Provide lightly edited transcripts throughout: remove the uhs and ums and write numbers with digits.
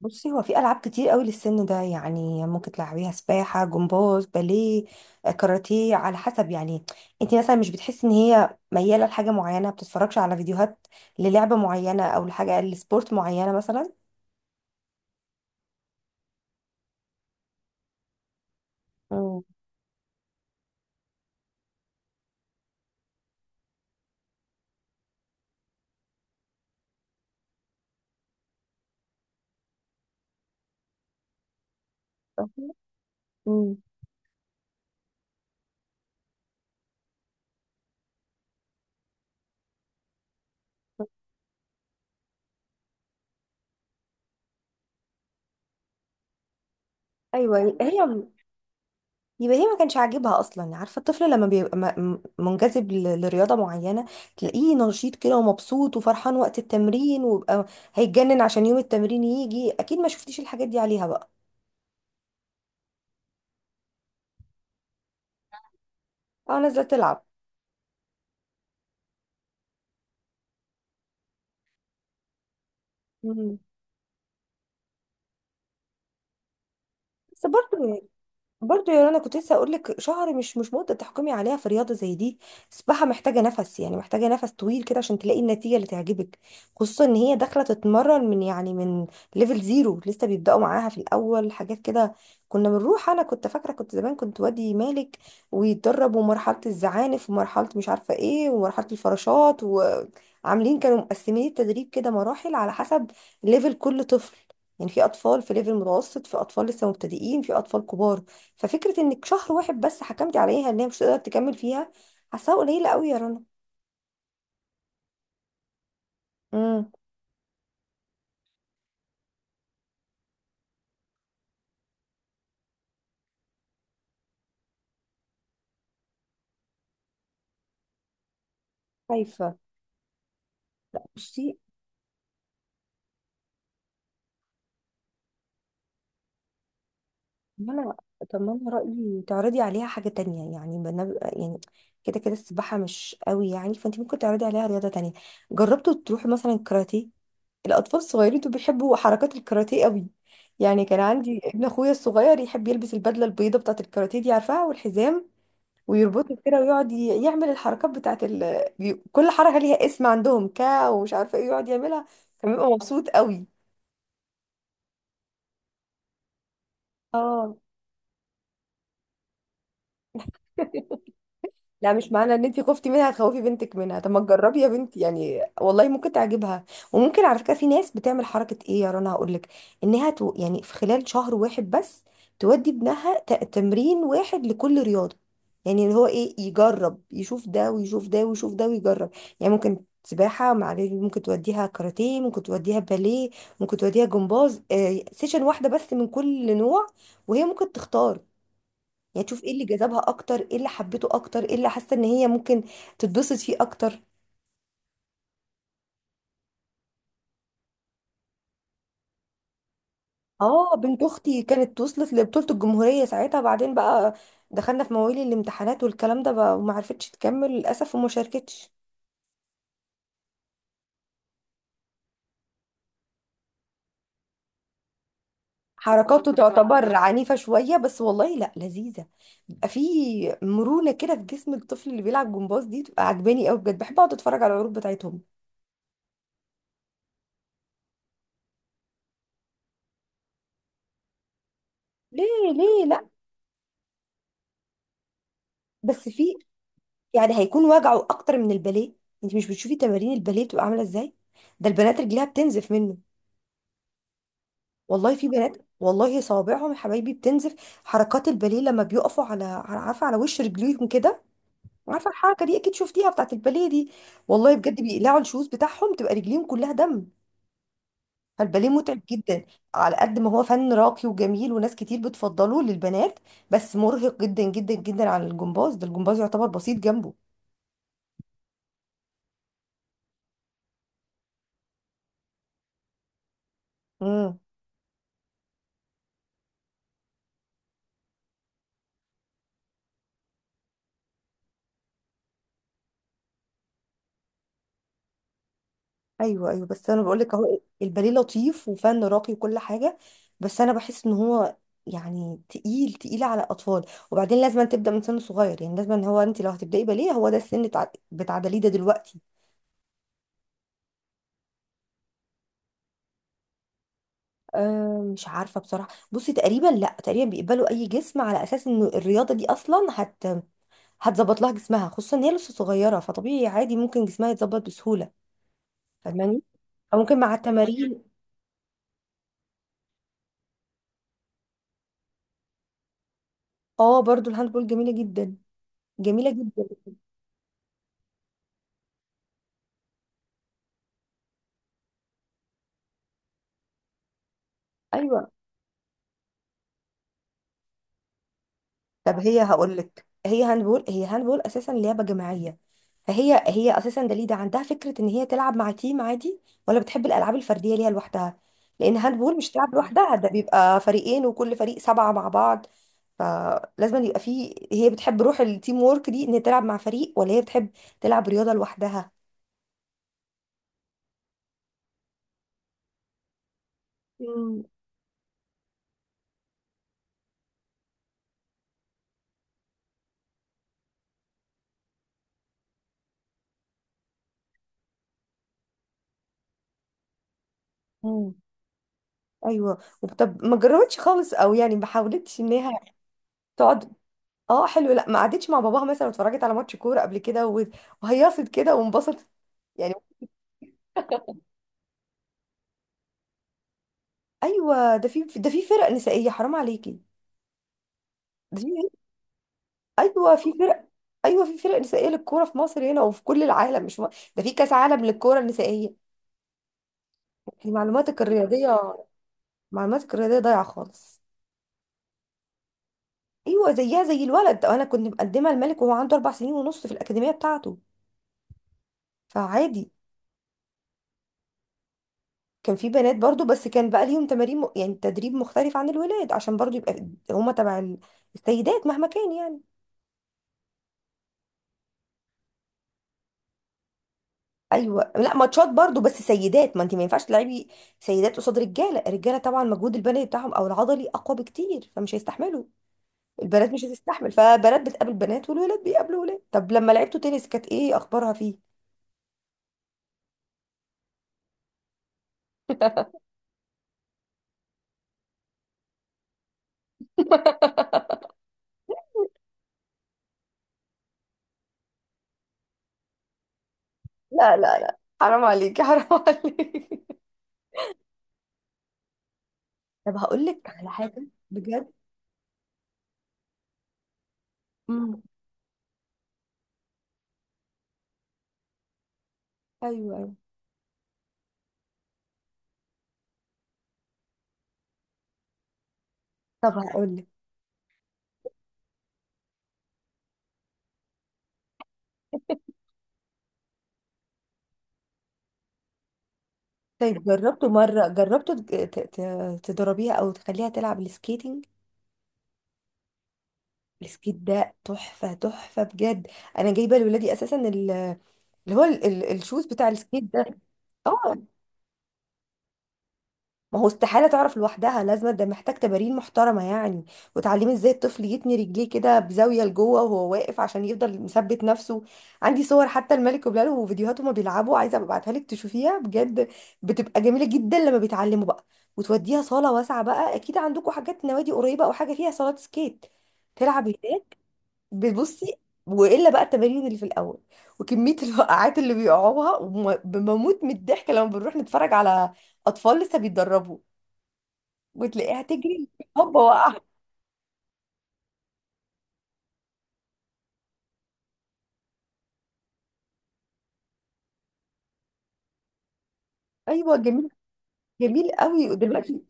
بصي، هو في العاب كتير قوي للسن ده، يعني ممكن تلعبيها سباحه، جمباز، باليه، كاراتيه، على حسب يعني. انت مثلا مش بتحسي ان هي مياله لحاجه معينه؟ ما بتتفرجش على فيديوهات للعبه معينه او لحاجه لسبورت معينه مثلا؟ امم فاهمة؟ امم. ايوه، هي، يبقى هي ما كانش عاجبها اصلا. عارفه الطفل لما بيبقى منجذب لرياضه معينه، تلاقيه نشيط كده ومبسوط وفرحان وقت التمرين، ويبقى هيتجنن عشان يوم التمرين يجي. اكيد ما شفتيش الحاجات دي عليها بقى؟ اه، نازله تلعب. مم. بس برضه يعني، برضه يا رنا، كنت لسه اقول لك شهر مش مده تحكمي عليها في رياضه زي دي. السباحه محتاجه نفس، يعني محتاجه نفس طويل كده عشان تلاقي النتيجه اللي تعجبك، خصوصا ان هي داخله تتمرن من، يعني من ليفل زيرو. لسه بيبداوا معاها في الاول حاجات كده. كنا بنروح، انا كنت فاكره، كنت زمان كنت وادي مالك ويتدرب، ومرحله الزعانف، ومرحله مش عارفه ايه، ومرحله الفراشات، وعاملين كانوا مقسمين التدريب كده مراحل على حسب ليفل كل طفل. يعني في اطفال في ليفل متوسط، في اطفال لسه مبتدئين، في اطفال كبار. ففكرة انك شهر واحد بس حكمتي عليها ان هي مش هتقدر تكمل فيها، حاساها قليلة قوي يا رنا. امم خايفة، بصي، إن انا، طب ما انا رأيي تعرضي عليها حاجة تانية. يعني يعني كده كده، السباحة مش قوي يعني، فانت ممكن تعرضي عليها رياضة تانية. جربتوا تروحي مثلا كاراتيه؟ الأطفال الصغيرين دول بيحبوا حركات الكاراتيه قوي. يعني كان عندي ابن اخويا الصغير يحب يلبس البدلة البيضة بتاعة الكاراتيه دي، عارفاها، والحزام، ويربطه كده ويقعد يعمل الحركات بتاعت كل حركة ليها اسم عندهم، كا ومش عارفة ايه، يقعد يعملها. كان بيبقى مبسوط قوي. اه. لا، مش معنى ان انت خفتي منها تخوفي بنتك منها. طب ما تجربي يا بنتي، يعني والله ممكن تعجبها. وممكن على فكره، في ناس بتعمل حركه ايه يا رنا، هقول لك، انها يعني في خلال شهر واحد بس تودي ابنها تمرين واحد لكل رياضه. يعني اللي هو ايه، يجرب يشوف ده ويشوف ده ويشوف ده ويجرب. يعني ممكن سباحه مع بيبي، ممكن توديها كاراتيه، ممكن توديها باليه، ممكن توديها جمباز، سيشن واحده بس من كل نوع. وهي ممكن تختار، يعني تشوف ايه اللي جذبها اكتر، ايه اللي حبته اكتر، ايه اللي حاسه ان هي ممكن تتبسط فيه اكتر. اه، بنت اختي كانت وصلت لبطوله الجمهوريه ساعتها. بعدين بقى دخلنا في مواويل الامتحانات والكلام ده بقى، وما عرفتش تكمل للاسف، وما شاركتش. حركاته تعتبر عنيفه شويه، بس والله لا، لذيذه. بيبقى في مرونه كده في جسم الطفل اللي بيلعب جمباز، دي بتبقى عجباني قوي بجد، بحب اقعد اتفرج على العروض بتاعتهم. ليه؟ ليه لا؟ بس في يعني هيكون وجعه اكتر من الباليه؟ انت مش بتشوفي تمارين الباليه بتبقى عامله ازاي؟ ده البنات رجليها بتنزف منه. والله في بنات والله صوابعهم يا حبايبي بتنزف. حركات الباليه لما بيقفوا عارفه، على وش رجليهم كده. عارفه الحركه دي، اكيد شفتيها بتاعت الباليه دي. والله بجد بيقلعوا الشوز بتاعهم تبقى رجليهم كلها دم. فالباليه متعب جدا، على قد ما هو فن راقي وجميل وناس كتير بتفضله للبنات. بس مرهق جدا جدا جدا. على الجمباز، ده الجمباز يعتبر بسيط جنبه. مم. ايوه، ايوه، بس انا بقول لك اهو، الباليه لطيف وفن راقي وكل حاجه، بس انا بحس ان هو يعني تقيل تقيل على الاطفال. وبعدين لازم تبدا من سن صغير، يعني لازم، هو انت لو هتبداي باليه هو ده السن بتعدليه ده دلوقتي. أه مش عارفه بصراحه. بصي، تقريبا، لا، تقريبا بيقبلوا اي جسم، على اساس ان الرياضه دي اصلا هتظبط لها جسمها، خصوصا ان هي لسه صغيره. فطبيعي عادي ممكن جسمها يتظبط بسهوله، فاهماني؟ او ممكن مع التمارين. اه، برضو الهاند بول جميله جدا، جميله جدا. ايوه. طب هي هقول لك، هي هاندبول اساسا لعبه جماعيه. فهي هي اساسا، دليده عندها فكره ان هي تلعب مع تيم عادي، ولا بتحب الالعاب الفرديه ليها لوحدها؟ لان هاندبول مش تلعب لوحدها، ده بيبقى فريقين وكل فريق سبعه مع بعض. فلازم يبقى فيه، هي بتحب روح التيم وورك دي، ان هي تلعب مع فريق، ولا هي بتحب تلعب رياضه لوحدها؟ مم. مم. ايوه. طب ما جربتش خالص، او يعني ما حاولتش انها تقعد؟ اه، حلو. لا ما قعدتش مع باباها مثلا واتفرجت على ماتش كوره قبل كده وهيصت كده وانبسطت يعني؟ ايوه، ده في فرق نسائيه، حرام عليكي. ده في. ايوه في فرق. ايوه في فرق نسائيه للكوره في مصر هنا وفي كل العالم، مش ده في كاس عالم للكوره النسائيه، يعني معلوماتك الرياضيه ضايعه خالص. ايوه، زيها زي الولد. انا كنت مقدمه الملك وهو عنده 4 سنين ونص في الاكاديميه بتاعته، فعادي. كان في بنات برضو، بس كان بقى ليهم تمارين يعني تدريب مختلف عن الولاد، عشان برضو يبقى هما تبع السيدات مهما كان يعني. ايوه لا، ماتشات برضو بس سيدات، ما انت ما ينفعش تلعبي سيدات قصاد رجاله. الرجاله طبعا مجهود البدني بتاعهم او العضلي اقوى بكتير، فمش هيستحملوا، البنات مش هتستحمل، فبنات بتقابل بنات والولاد بيقابلوا ولاد. طب لما لعبتوا تنس كانت ايه اخبارها فيه؟ لا، لا، لا، حرام عليكي، حرام عليكي. طب هقول لك على حاجه بجد. امم ايوه، أيوة. طب هقول لك، طيب جربته مرة جربته تضربيها، أو تخليها تلعب السكيتنج؟ السكيت ده تحفة تحفة بجد. أنا جايبة لولادي أساسا اللي هو الشوز بتاع السكيت ده. اه، ما هو استحالة تعرف لوحدها. لازم ده محتاج تمارين محترمة يعني، وتعليم ازاي الطفل يتني رجليه كده بزاوية لجوه وهو واقف عشان يفضل مثبت نفسه. عندي صور حتى الملك وبلاله وفيديوهات هما بيلعبوا، عايزة أبقى ابعتها لك تشوفيها بجد. بتبقى جميلة جدا لما بيتعلموا بقى. وتوديها صالة واسعة، بقى اكيد عندكم حاجات نوادي قريبة او حاجة فيها صالات سكيت تلعب هناك، بتبصي؟ والا بقى التمارين اللي في الاول، وكمية الوقعات اللي بيقعوها بموت من الضحك لما بنروح نتفرج على اطفال لسه بيتدربوا، وتلاقيها تجري هوبا وقع. ايوه جميل، جميل قوي دلوقتي.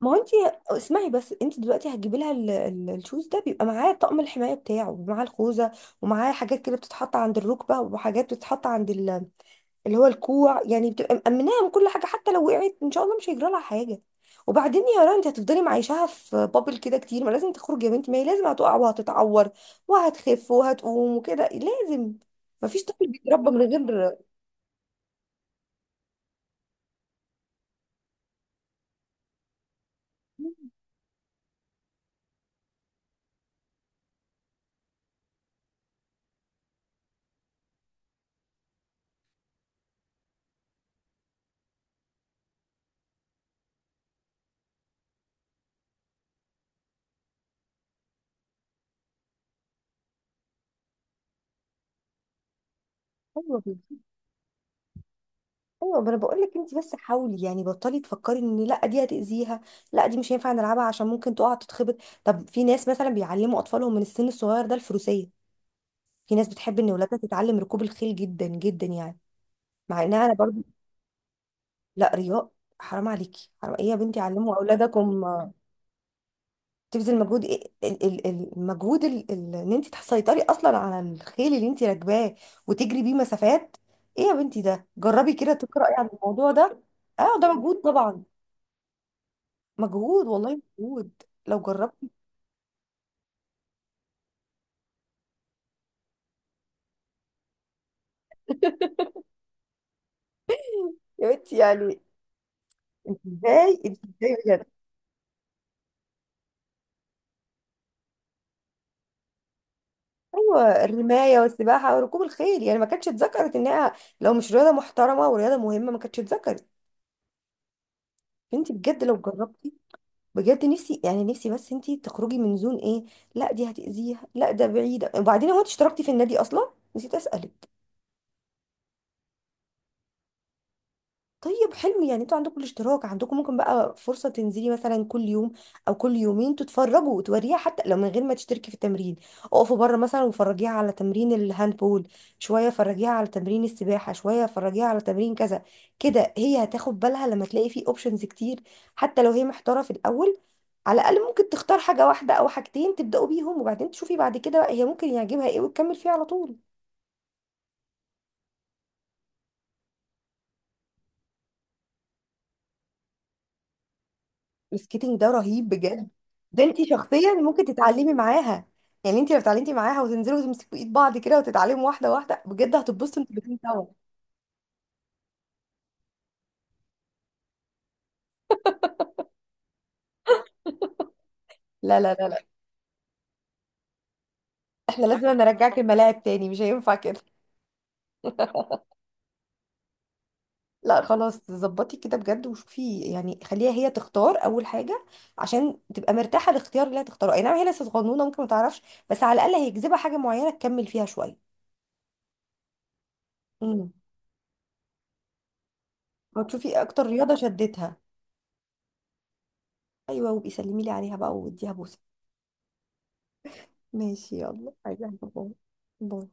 ما هو انت، اسمعي بس، انت دلوقتي هتجيبي لها الشوز ده، بيبقى معاه طقم الحمايه بتاعه ومعاه الخوذه، ومعاه حاجات كده بتتحط عند الركبه وحاجات بتتحط عند اللي هو الكوع. يعني بتبقى مأمناها من كل حاجه، حتى لو وقعت ان شاء الله مش هيجرى لها حاجه. وبعدين يا رنا، انت هتفضلي معيشاها في بابل كده كتير؟ ما لازم تخرج يا بنت. ما هي لازم هتقع وهتتعور وهتخف وهتقوم وكده. لازم، مفيش طفل بيتربى من غير. ايوه، ايوه، ما انا بقول لك، انت بس حاولي يعني، بطلي تفكري ان لا دي هتاذيها، لا دي مش هينفع نلعبها عشان ممكن تقع تتخبط. طب في ناس مثلا بيعلموا اطفالهم من السن الصغير ده الفروسيه. في ناس بتحب ان ولادها تتعلم ركوب الخيل جدا جدا، يعني مع انها، انا برضو، لا رياء؟ حرام عليكي، حرام ايه يا بنتي، علموا اولادكم. تبذل مجهود ايه؟ المجهود، ان انت تسيطري اصلا على الخيل اللي انت راكباه وتجري بيه مسافات. ايه يا بنتي؟ ده جربي كده تقراي عن الموضوع ده. اه، ده مجهود طبعا، مجهود والله، مجهود لو جربت. يا بنتي يعني، انت ازاي، انت ازاي بجد؟ ايوه، الرمايه والسباحه وركوب الخيل، يعني ما كانتش اتذكرت انها، لو مش رياضه محترمه ورياضه مهمه ما كانتش اتذكرت. انت بجد لو جربتي بجد. نفسي يعني، نفسي بس انت تخرجي من زون ايه، لا دي هتأذيها، لا ده بعيده. وبعدين، هو انت اشتركتي في النادي اصلا؟ نسيت اسالك. طيب حلو. يعني انتوا عندكم الاشتراك، عندكم ممكن بقى فرصة تنزلي مثلا كل يوم او كل يومين تتفرجوا وتوريها، حتى لو من غير ما تشتركي في التمرين. اقفوا بره مثلا، وفرجيها على تمرين الهاندبول شوية، فرجيها على تمرين السباحة شوية، فرجيها على تمرين كذا. كده هي هتاخد بالها لما تلاقي فيه اوبشنز كتير، حتى لو هي محتارة في الاول. على الاقل ممكن تختار حاجة واحدة او حاجتين تبدأوا بيهم، وبعدين تشوفي بعد كده بقى هي ممكن يعجبها ايه وتكمل فيه على طول. السكيتنج ده رهيب بجد. ده انت شخصيا ممكن تتعلمي معاها. يعني انت لو اتعلمتي معاها وتنزلوا وتمسكوا ايد بعض كده وتتعلموا واحده واحده بجد، هتتبسطوا انتوا الاتنين سوا. لا، لا، لا، لا، احنا لازم نرجعك الملاعب تاني، مش هينفع كده. لا خلاص، ظبطي كده بجد، وشوفي يعني خليها هي تختار اول حاجه عشان تبقى مرتاحه الاختيار اللي هتختاره. اي نعم هي لسه صغنونه ممكن ما تعرفش، بس على الاقل هيجذبها حاجه معينه تكمل فيها شويه. امم وتشوفي اكتر رياضه شدتها. ايوه، وبيسلمي لي عليها بقى، واديها بوسه. ماشي يلا، عايزة أحبه. باي.